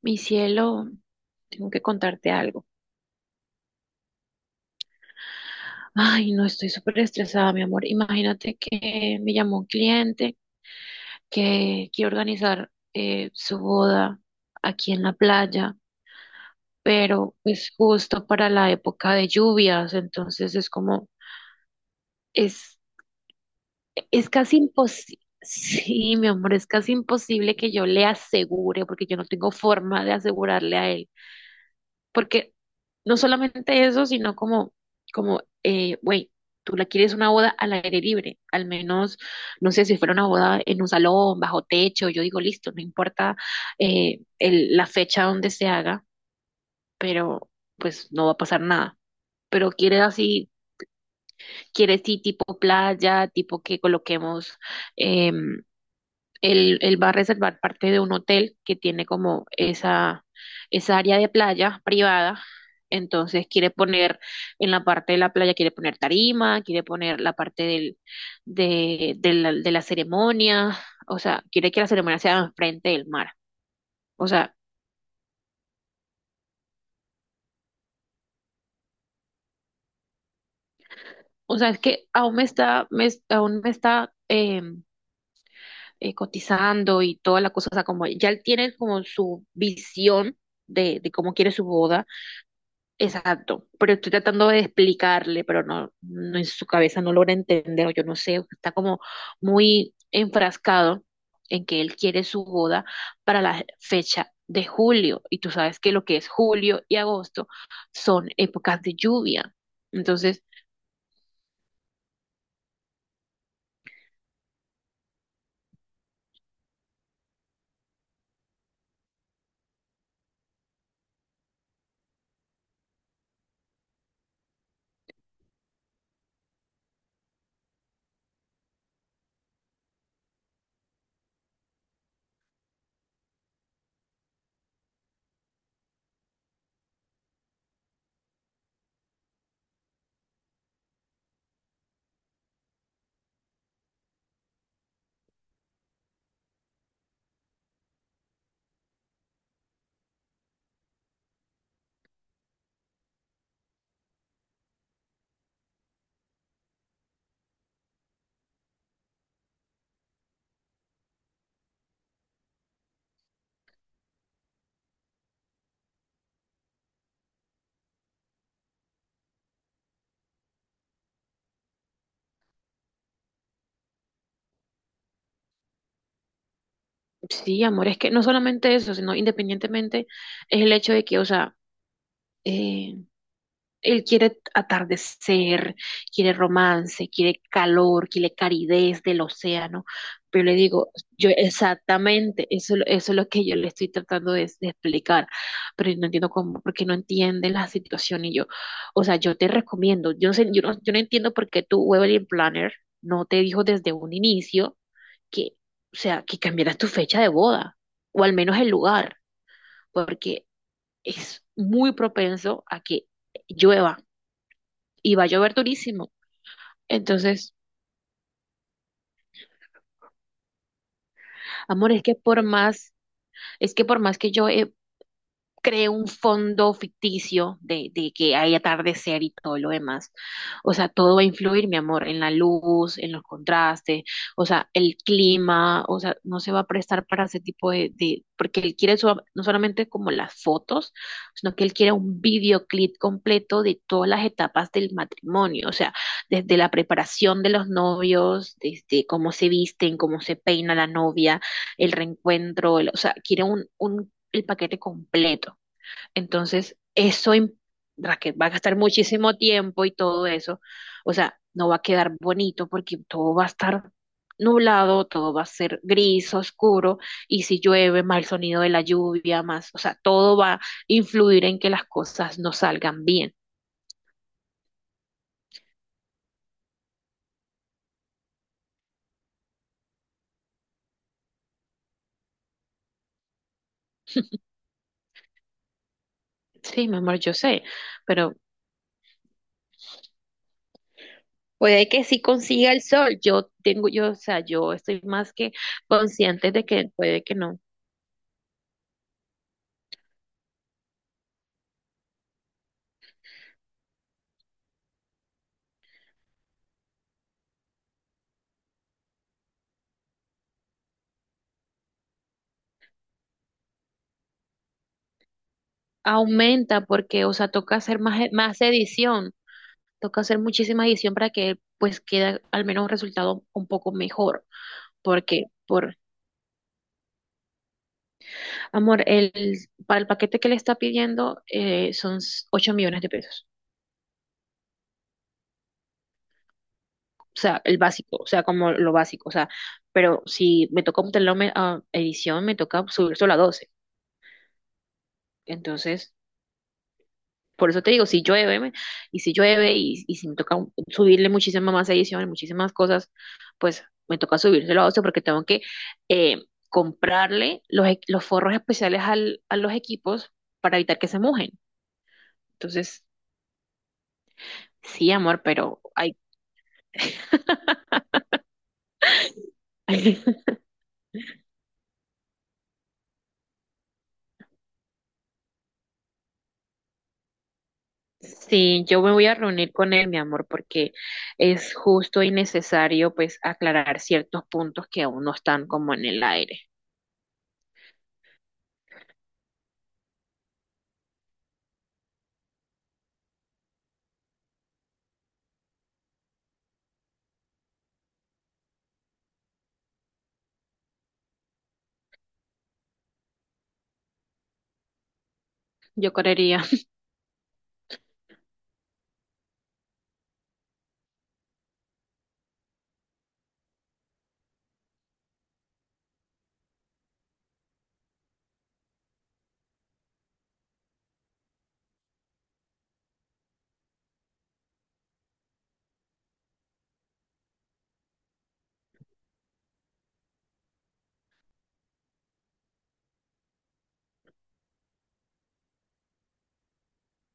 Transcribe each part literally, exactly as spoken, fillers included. Mi cielo, tengo que contarte algo. Ay, no, estoy súper estresada, mi amor. Imagínate que me llamó un cliente que quiere organizar eh, su boda aquí en la playa, pero es justo para la época de lluvias, entonces es como, es, es casi imposible. Sí, mi amor, es casi imposible que yo le asegure, porque yo no tengo forma de asegurarle a él. Porque no solamente eso, sino como, como, eh, güey, tú la quieres una boda al aire libre, al menos, no sé, si fuera una boda en un salón, bajo techo, yo digo, listo, no importa eh, el- la fecha donde se haga, pero pues no va a pasar nada. Pero quieres así, quieres sí, tipo playa, tipo que coloquemos em, él, él va a reservar parte de un hotel que tiene como esa, esa área de playa privada. Entonces quiere poner en la parte de la playa, quiere poner tarima, quiere poner la parte del, de, de la, de la ceremonia, o sea, quiere que la ceremonia sea enfrente del mar. O sea, o sea, es que aún me está, me, aún me está eh, eh, cotizando y toda la cosa, o sea, como ya él tiene como su visión de, de cómo quiere su boda. Exacto, pero estoy tratando de explicarle, pero no, no en su cabeza no logra entender, o yo no sé, está como muy enfrascado en que él quiere su boda para la fecha de julio, y tú sabes que lo que es julio y agosto son épocas de lluvia. Entonces, sí, amor, es que no solamente eso, sino independientemente es el hecho de que, o sea, eh, él quiere atardecer, quiere romance, quiere calor, quiere calidez del océano. Pero le digo, yo exactamente, eso, es lo- eso es lo que yo le estoy tratando de, de explicar, pero no entiendo cómo, porque no entiende la situación y yo, o sea, yo te recomiendo, yo no sé, yo no, yo no entiendo por qué tu wedding planner no te dijo desde un inicio que, o sea, que cambiaras tu fecha de boda, o al menos el lugar, porque es muy propenso a que llueva y va a llover durísimo. Entonces, amor, es que por más, es que por más que yo he cree un fondo ficticio de, de que hay atardecer y todo lo demás. O sea, todo va a influir, mi amor, en la luz, en los contrastes, o sea, el clima, o sea, no se va a prestar para ese tipo de, de- porque él quiere so- no solamente como las fotos, sino que él quiere un videoclip completo de todas las etapas del matrimonio, o sea, desde la preparación de los novios, desde cómo se visten, cómo se peina la novia, el reencuentro, el- o sea, quiere un, un el paquete completo. Entonces, eso im- Raquel va a gastar muchísimo tiempo y todo eso. O sea, no va a quedar bonito porque todo va a estar nublado, todo va a ser gris, oscuro, y si llueve, más el sonido de la lluvia, más, o sea, todo va a influir en que las cosas no salgan bien. Sí, mi amor, yo sé, pero puede que sí consiga el sol. Yo tengo, yo, o sea, yo estoy más que consciente de que puede que no. Aumenta porque, o sea, toca hacer más, e- más edición, toca hacer muchísima edición para que pues quede al menos un resultado un poco mejor. Porque, por amor, el, para el paquete que le está pidiendo eh, son ocho millones de pesos. O sea, el básico, o sea, como lo básico, o sea, pero si me toca obtener la aume- ah, edición, me toca subir solo a doce. Entonces, por eso te digo, si llueve, me- y si llueve, y, y si me toca un- subirle muchísimas más ediciones, muchísimas cosas, pues me toca subírselo a Ocio porque tengo que eh, comprarle los, e- los forros especiales al- a los equipos para evitar que se mojen. Entonces, sí, amor, pero hay... Sí, yo me voy a reunir con él, mi amor, porque es justo y necesario, pues, aclarar ciertos puntos que aún no están como en el aire. Yo creería,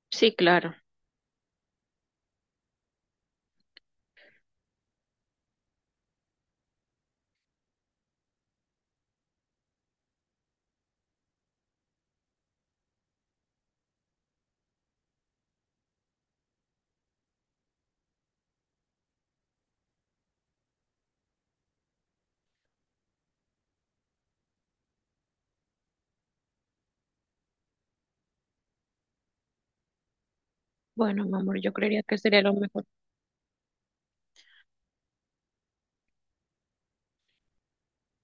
sí, claro. Bueno, mi amor, yo creería que sería lo mejor.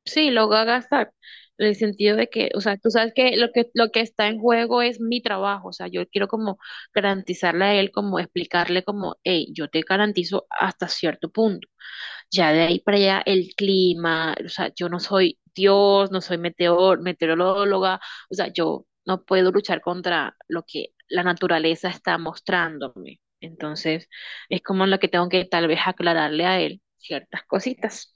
Sí, lo voy a gastar. En el sentido de que, o sea, tú sabes que lo que, lo que está en juego es mi trabajo. O sea, yo quiero como garantizarle a él, como explicarle como, hey, yo te garantizo hasta cierto punto. Ya de ahí para allá el clima, o sea, yo no soy Dios, no soy meteor, meteoróloga. O sea, yo no puedo luchar contra lo que la naturaleza está mostrándome. Entonces, es como lo que tengo que tal vez aclararle a él ciertas cositas.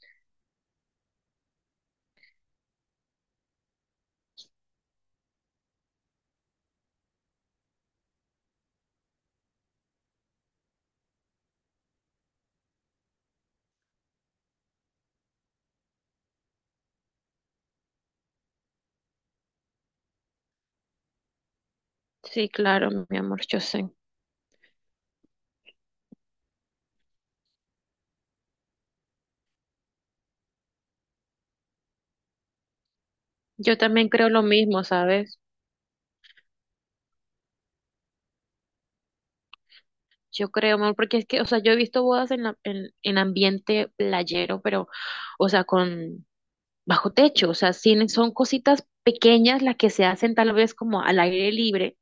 Sí, claro, mi amor, yo sé. Yo también creo lo mismo, ¿sabes? Yo creo, amor, porque es que, o sea, yo he visto bodas en, la- en, en ambiente playero, pero, o sea, con bajo techo, o sea, sí, son cositas pequeñas las que se hacen tal vez como al aire libre,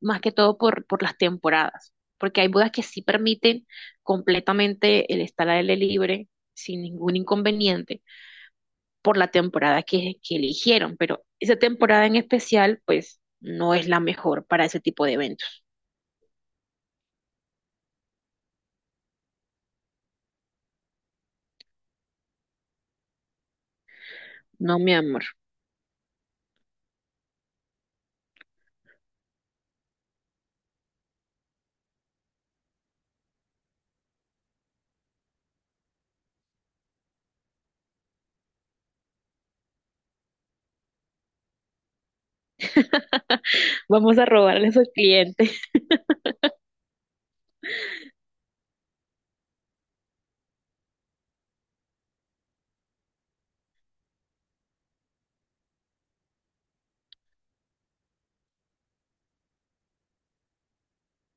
más que todo por, por las temporadas, porque hay bodas que sí permiten completamente el estar al aire libre sin ningún inconveniente por la temporada que, que eligieron, pero esa temporada en especial, pues, no es la mejor para ese tipo de eventos, no, mi amor. Vamos a robarle a sus clientes.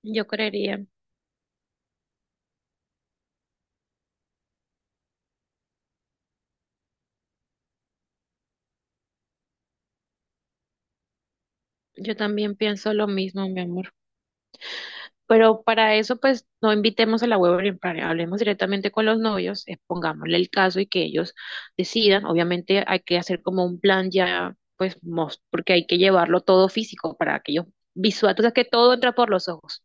Yo creería, yo también pienso lo mismo, mi amor. Pero para eso, pues, no invitemos a la web, hablemos directamente con los novios, expongámosle el caso y que ellos decidan. Obviamente hay que hacer como un plan ya, pues, mos- porque hay que llevarlo todo físico para que ellos visual, o sea, que todo entra por los ojos.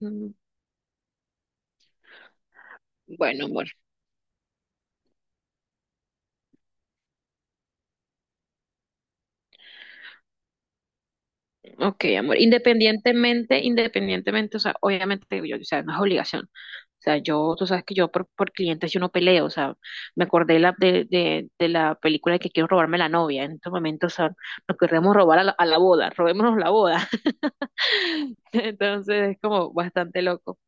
Mm, bueno, amor. Ok, amor. Independientemente, independientemente, o sea, obviamente, yo, o sea, no es obligación. O sea, yo, tú sabes que yo por, por clientes yo no peleo. O sea, me acordé la, de, de, de la película de que quiero robarme la novia. En estos momentos, o sea, nos queremos robar a la, a la boda. Robémonos la boda. Entonces, es como bastante loco.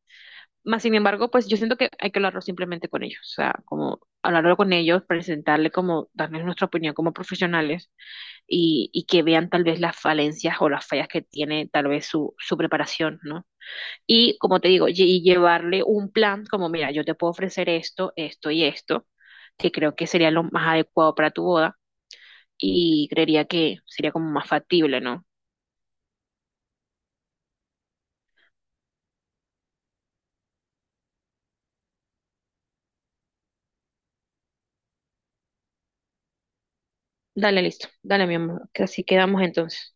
Más sin embargo, pues yo siento que hay que hablarlo simplemente con ellos, o sea, como hablarlo con ellos, presentarle como, darles nuestra opinión como profesionales y, y que vean tal vez las falencias o las fallas que tiene tal vez su, su preparación, ¿no? Y como te digo, lle- y llevarle un plan como, mira, yo te puedo ofrecer esto, esto y esto, que creo que sería lo más adecuado para tu boda y creería que sería como más factible, ¿no? Dale, listo, dale, mi amor, que así quedamos entonces.